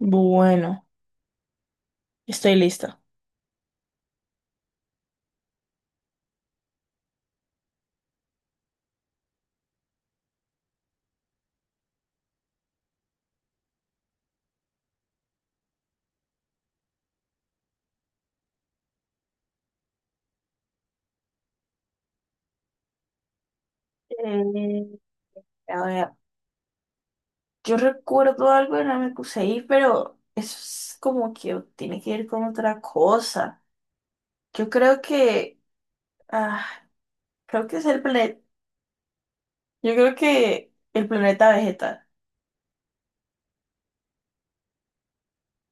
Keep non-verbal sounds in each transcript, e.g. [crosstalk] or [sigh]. Bueno, estoy lista. Eh, a ver, yo recuerdo algo de la me puse ahí, pero eso es como que tiene que ver con otra cosa. Yo creo que, ah, creo que es el yo creo que el planeta Vegeta.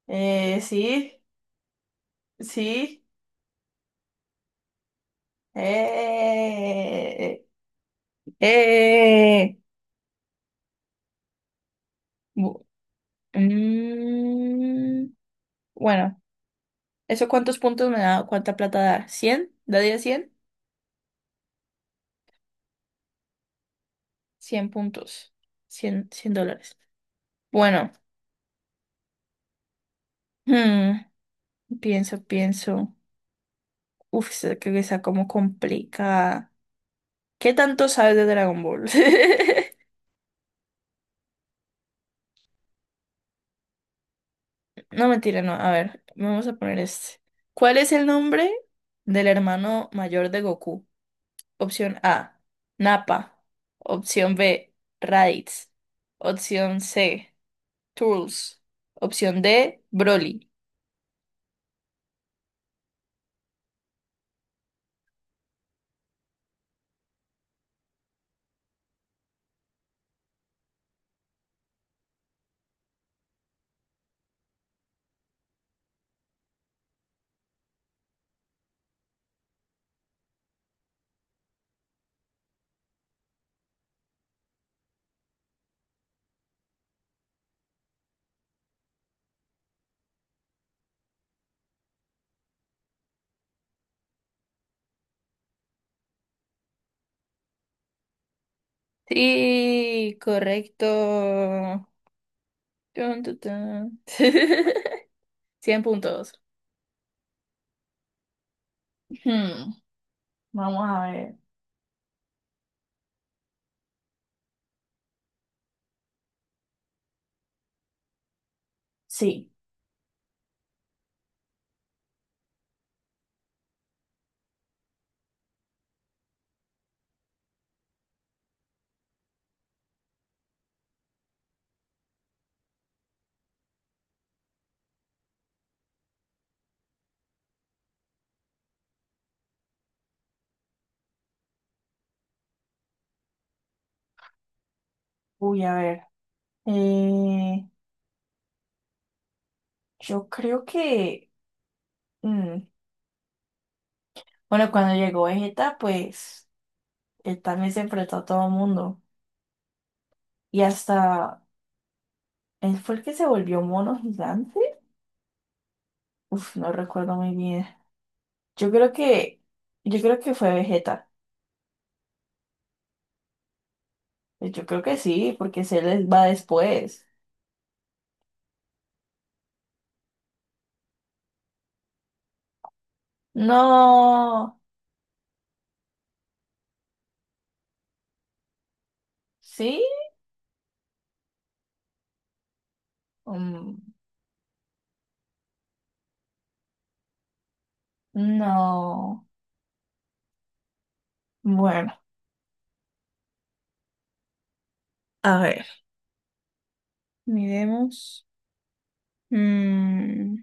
Sí, sí, eh, eh, Bu- mm, bueno, ¿eso cuántos puntos me da? ¿Cuánta plata da? ¿100? ¿Daría 100 daría 100? 100 puntos. Cien dólares. Bueno, hmm, pienso. Uf, esa creo que está como complicada. ¿Qué tanto sabes de Dragon Ball? [laughs] No, mentira, no. A ver, vamos a poner este. ¿Cuál es el nombre del hermano mayor de Goku? Opción A, Nappa. Opción B, Raditz. Opción C, Trunks. Opción D, Broly. Sí, correcto. Tun, tun, tun. [laughs] 100 puntos. Hmm, vamos a ver. Sí. Uy, a ver. Eh, yo creo que. mm, Bueno, cuando llegó Vegeta, pues él también se enfrentó a todo el mundo. Y hasta. Él fue el que se volvió mono gigante. Uf, no recuerdo muy bien. Yo creo que. Yo creo que fue Vegeta. Pues yo creo que sí, porque se les va después. No. ¿Sí? Mm, no. Bueno, a ver, miremos. Mm,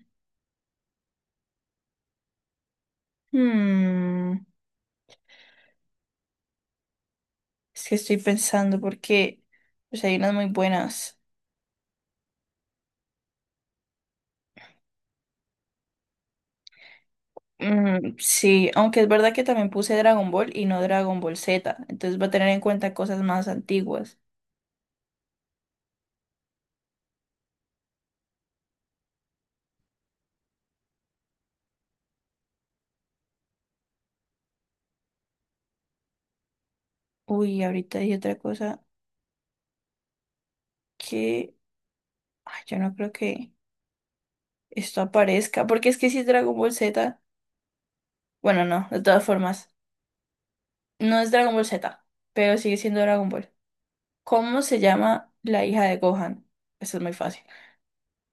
mm, es que estoy pensando porque pues, hay unas muy buenas. Mm, sí, aunque es verdad que también puse Dragon Ball y no Dragon Ball Z, entonces va a tener en cuenta cosas más antiguas. Uy, ahorita hay otra cosa que ay, yo no creo que esto aparezca, porque es que si es Dragon Ball Z, bueno, no, de todas formas, no es Dragon Ball Z, pero sigue siendo Dragon Ball. ¿Cómo se llama la hija de Gohan? Eso es muy fácil.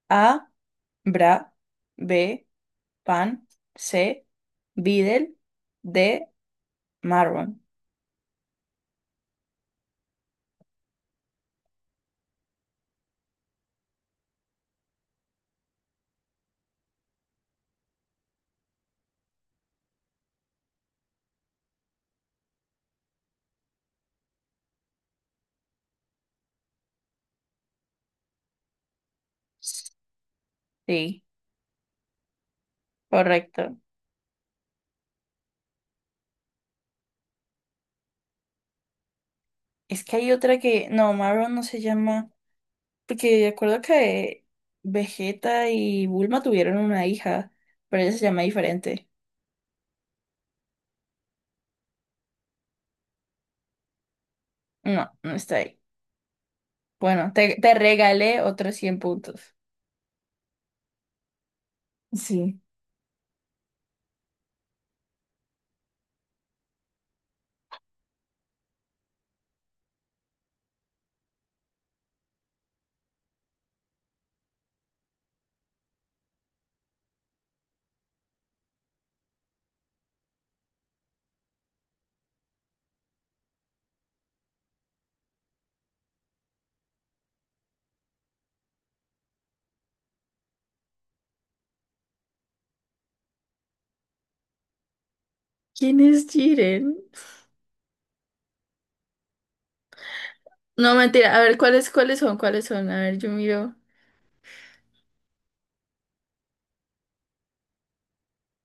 A. Bra. B. Pan. C. Videl. D. Marron. Sí, correcto. Es que hay otra que. No, Marron no se llama. Porque de acuerdo que Vegeta y Bulma tuvieron una hija, pero ella se llama diferente. No, no está ahí. Bueno, te regalé otros 100 puntos. Sí. ¿Quién es Jiren? No, mentira. A ver, ¿cuáles son? ¿Cuáles son? A ver, yo miro.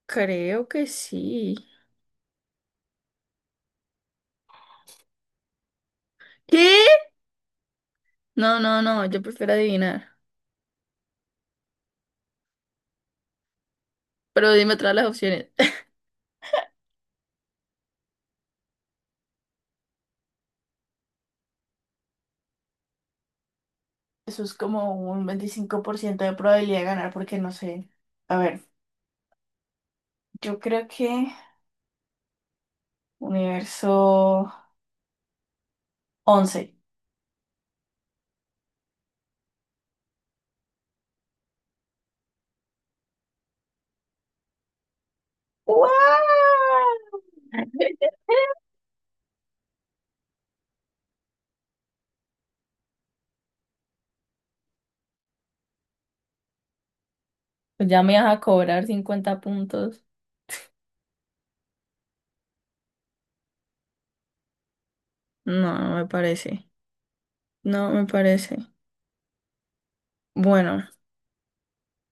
Creo que sí. ¿Qué? No, no, no. Yo prefiero adivinar. Pero dime todas las opciones. [laughs] Eso es como un 25% de probabilidad de ganar porque no sé. A ver, yo creo que universo 11. ¡Guau! [laughs] Pues ya me vas a cobrar 50 puntos. No, no me parece. No me parece. Bueno,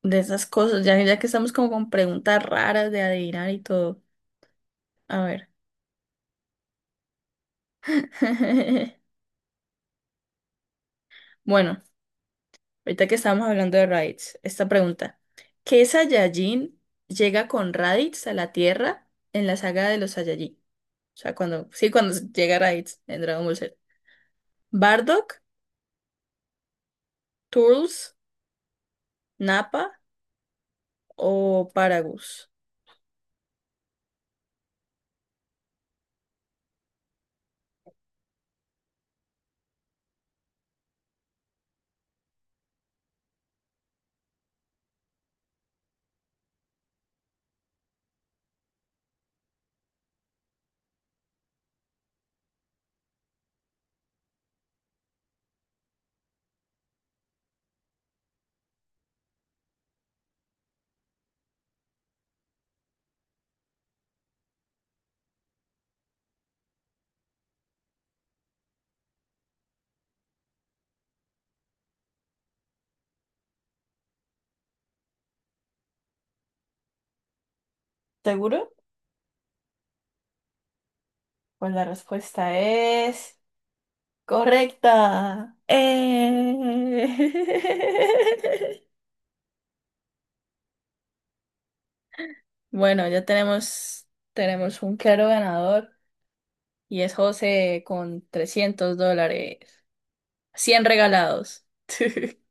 de esas cosas, ya que estamos como con preguntas raras de adivinar y todo. A ver. [laughs] Bueno, ahorita que estábamos hablando de Raditz, esta pregunta. ¿Qué Saiyajin llega con Raditz a la Tierra en la saga de los Saiyajin? O sea, cuando, sí, cuando llega Raditz en Dragon Ball Z. ¿Bardock, Turles, Nappa o Paragus? ¿Seguro? Pues la respuesta es correcta. [laughs] Bueno, ya tenemos un claro ganador. Y es José con $300. 100 regalados. [laughs]